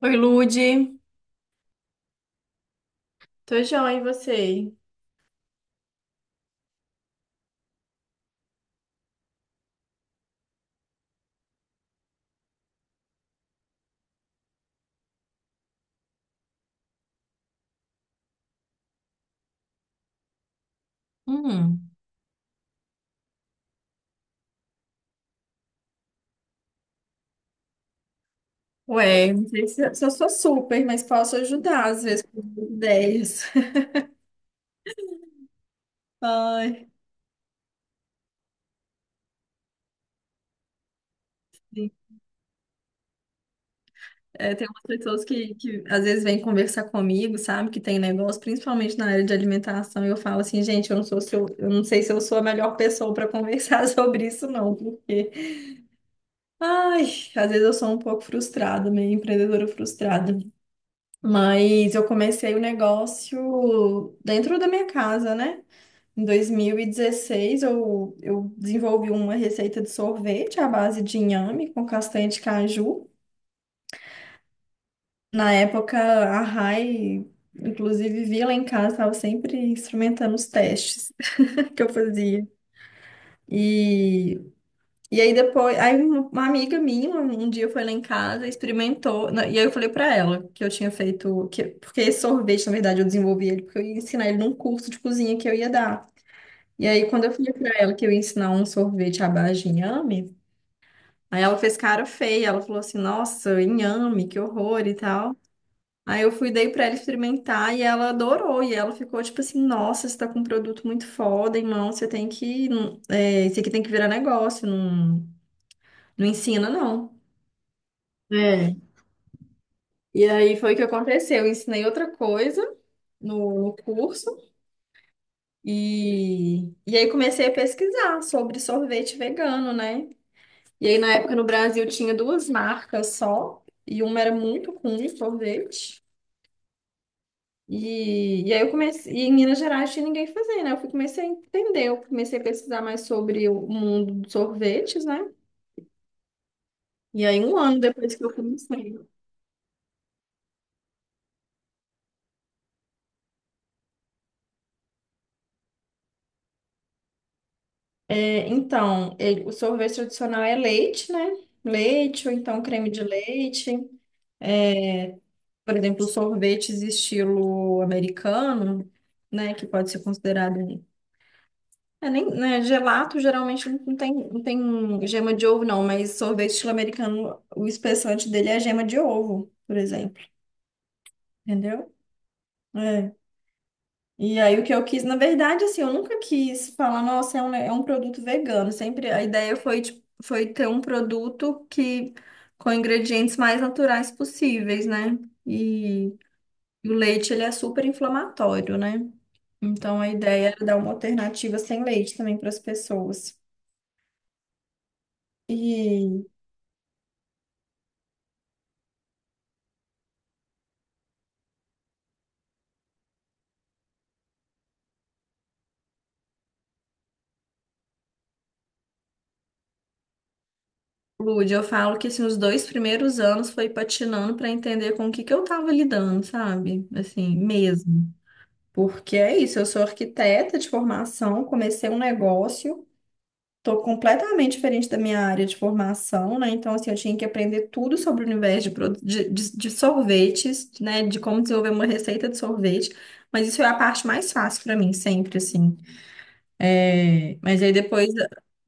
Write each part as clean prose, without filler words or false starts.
Oi, Lude. Tô joia, e você? Hum. Ué, não sei se eu sou super, mas posso ajudar às vezes com ideias. Ai, sim. É, tem umas pessoas que às vezes vêm conversar comigo, sabe? Que tem negócio, principalmente na área de alimentação, e eu falo assim, gente, eu não sei se eu sou a melhor pessoa para conversar sobre isso, não, porque ai, às vezes eu sou um pouco frustrada, meio empreendedora frustrada. Mas eu comecei o negócio dentro da minha casa, né? Em 2016, eu desenvolvi uma receita de sorvete à base de inhame com castanha de caju. Na época, a Rai, inclusive, via lá em casa, estava sempre experimentando os testes que eu fazia. E, e aí depois, aí uma amiga minha, um dia foi lá em casa, experimentou, e aí eu falei para ela que eu tinha feito, que, porque esse sorvete, na verdade, eu desenvolvi ele, porque eu ia ensinar ele num curso de cozinha que eu ia dar. E aí, quando eu falei pra ela que eu ia ensinar um sorvete à base de inhame, aí ela fez cara feia. Ela falou assim: nossa, inhame, que horror e tal. Aí eu fui, dei pra ela experimentar e ela adorou. E ela ficou tipo assim: nossa, você tá com um produto muito foda, irmão. Você tem que. É, isso aqui tem que virar negócio. Não, não ensina, não. É. E aí foi o que aconteceu. Eu ensinei outra coisa no curso e aí comecei a pesquisar sobre sorvete vegano, né? E aí, na época, no Brasil, tinha duas marcas só, e uma era muito comum sorvete. E aí eu comecei, e em Minas Gerais tinha ninguém fazendo, né? Comecei a entender, eu comecei a pesquisar mais sobre o mundo dos sorvetes, né? E aí, um ano depois que eu comecei. É, então, o sorvete tradicional é leite, né? Leite, ou então creme de leite. Por exemplo, sorvetes estilo americano, né? Que pode ser considerado um. É, nem, né, gelato geralmente não tem, não tem gema de ovo, não, mas sorvete estilo americano o espessante dele é gema de ovo, por exemplo, entendeu? É. E aí o que eu quis, na verdade, assim, eu nunca quis falar, nossa, é um produto vegano. Sempre a ideia foi, tipo, foi ter um produto que com ingredientes mais naturais possíveis, né? E, e o leite, ele é super inflamatório, né? Então a ideia era dar uma alternativa sem leite também para as pessoas. E Lud, eu falo que assim, os dois primeiros anos foi patinando para entender com o que que eu tava lidando, sabe? Assim, mesmo. Porque é isso, eu sou arquiteta de formação, comecei um negócio, tô completamente diferente da minha área de formação, né? Então, assim, eu tinha que aprender tudo sobre o universo de sorvetes, né? De como desenvolver uma receita de sorvete. Mas isso é a parte mais fácil para mim, sempre, assim. É, mas aí depois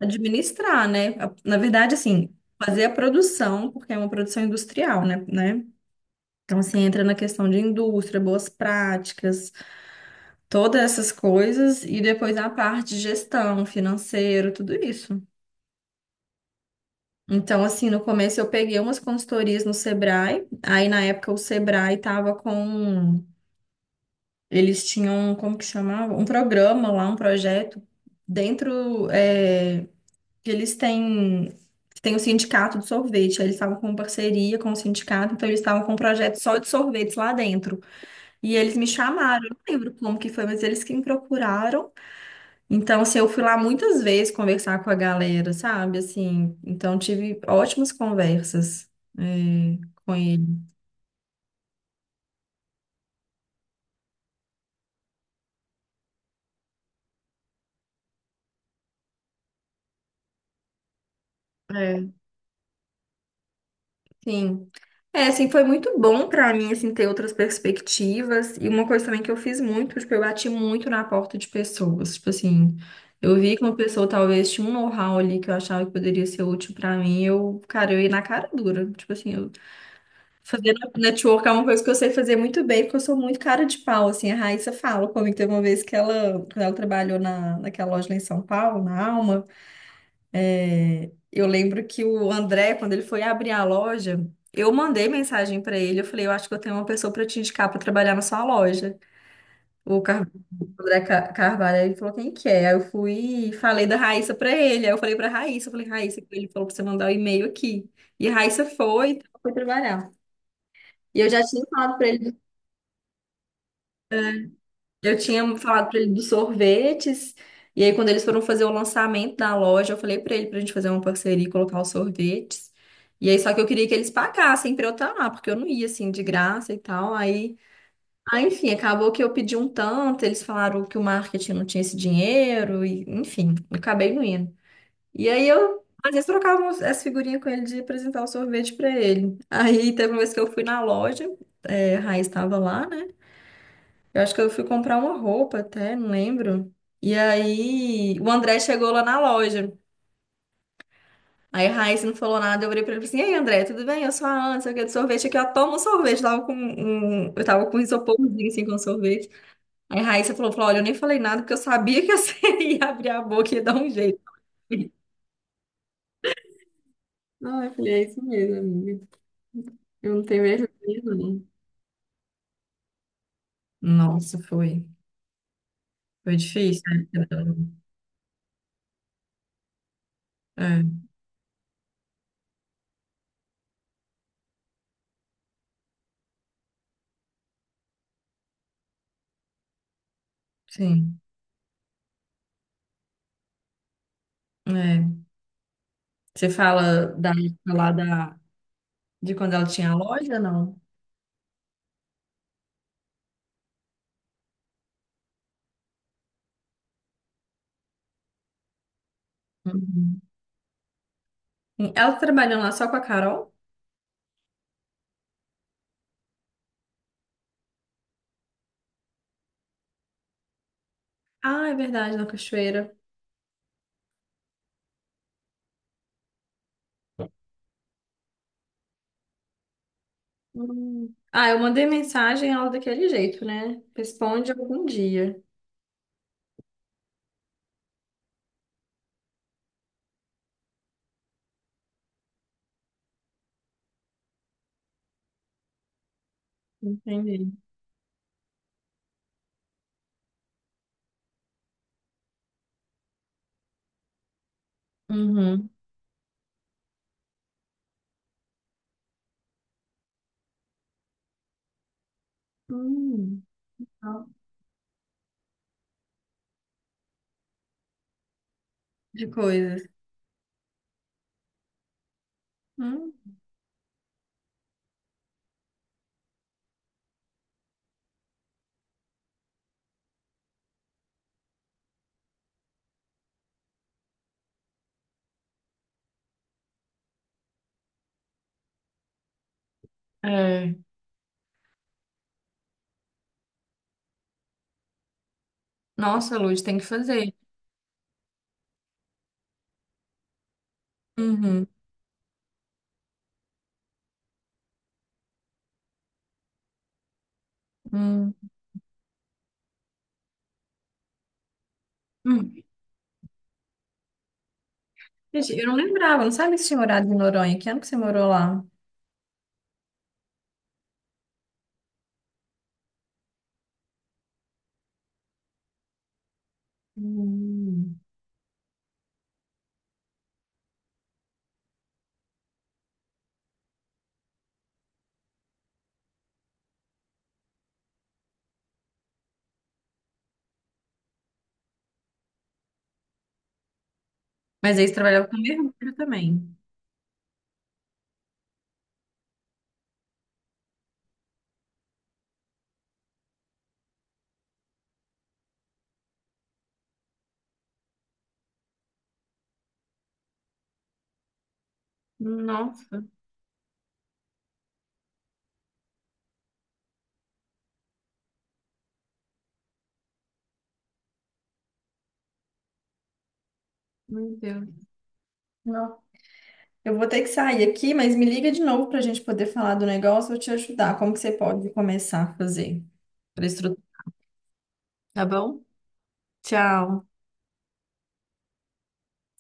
administrar, né? Na verdade, assim, fazer a produção, porque é uma produção industrial, né? Então, assim, entra na questão de indústria, boas práticas, todas essas coisas, e depois a parte de gestão, financeiro, tudo isso. Então, assim, no começo eu peguei umas consultorias no Sebrae, aí na época o Sebrae tava com, um, eles tinham, um, como que chamava? Um programa lá, um projeto dentro, é, que eles têm, têm o sindicato de sorvete, aí eles estavam com parceria com o sindicato, então eles estavam com um projeto só de sorvetes lá dentro. E eles me chamaram, eu não lembro como que foi, mas eles que me procuraram. Então, assim, eu fui lá muitas vezes conversar com a galera, sabe? Assim, então tive ótimas conversas, é, com ele. Sim. É, assim, foi muito bom pra mim, assim, ter outras perspectivas. E uma coisa também que eu fiz muito, tipo, eu bati muito na porta de pessoas. Tipo assim, eu vi que uma pessoa talvez tinha um know-how ali que eu achava que poderia ser útil pra mim. Eu, cara, eu ia na cara dura. Tipo assim, eu fazer network é uma coisa que eu sei fazer muito bem, porque eu sou muito cara de pau, assim. A Raíssa fala comigo, teve uma vez que ela, quando ela trabalhou naquela loja lá em São Paulo, na Alma, eu lembro que o André, quando ele foi abrir a loja, eu mandei mensagem para ele. Eu falei, eu acho que eu tenho uma pessoa para te indicar para trabalhar na sua loja. O, Car... o André Carvalho, ele falou, quem que é? Aí eu fui e falei da Raíssa para ele. Aí eu falei para Raíssa, eu falei, Raíssa, ele falou para você mandar o e-mail aqui. E a Raíssa foi, então foi trabalhar. E eu já tinha falado para ele. Eu tinha falado pra ele dos sorvetes, e aí quando eles foram fazer o lançamento da loja, eu falei pra ele pra gente fazer uma parceria e colocar os sorvetes. E aí só que eu queria que eles pagassem pra eu estar lá, porque eu não ia assim de graça e tal. Aí, enfim, acabou que eu pedi um tanto, eles falaram que o marketing não tinha esse dinheiro e, enfim, eu acabei não indo. E aí eu às vezes essa figurinha com ele de apresentar o sorvete pra ele. Aí teve uma vez que eu fui na loja, é, a Raiz estava lá, né? Eu acho que eu fui comprar uma roupa até, não lembro. E aí o André chegou lá na loja. Aí a Raíssa não falou nada, eu olhei pra ele e falei assim, e aí André, tudo bem? Eu sou a Ana, sei o que, de sorvete aqui, ó, toma um sorvete. Eu tava com um isoporzinho, assim, com sorvete. Aí a Raíssa falou, olha, eu nem falei nada, porque eu sabia que você ia abrir a boca e ia dar um jeito. Ah, eu falei, é isso mesmo, amiga. Eu não tenho vergonha, não. Nossa, foi. Foi difícil, né? É, sim. É. Você fala da, lá da. De quando ela tinha a loja, não? Uhum. Ela tá trabalhando lá só com a Carol? Ah, é verdade, na Cachoeira. Hum. Ah, eu mandei mensagem ela daquele jeito, né? Responde algum dia. Entendi. Uhum. Hum. Ah, de coisas. Hum. É. Nossa, Luz, tem que fazer. Uhum. Hum. Hum. Gente, eu não lembrava, não sabe se tinha morado em Noronha. Que ano que você morou lá? Hum. Mas aí você trabalhava com mergulho também. Nossa, meu Deus. Eu vou ter que sair aqui, mas me liga de novo para a gente poder falar do negócio. Eu vou te ajudar. Como que você pode começar a fazer para estruturar? Tá bom? Tchau.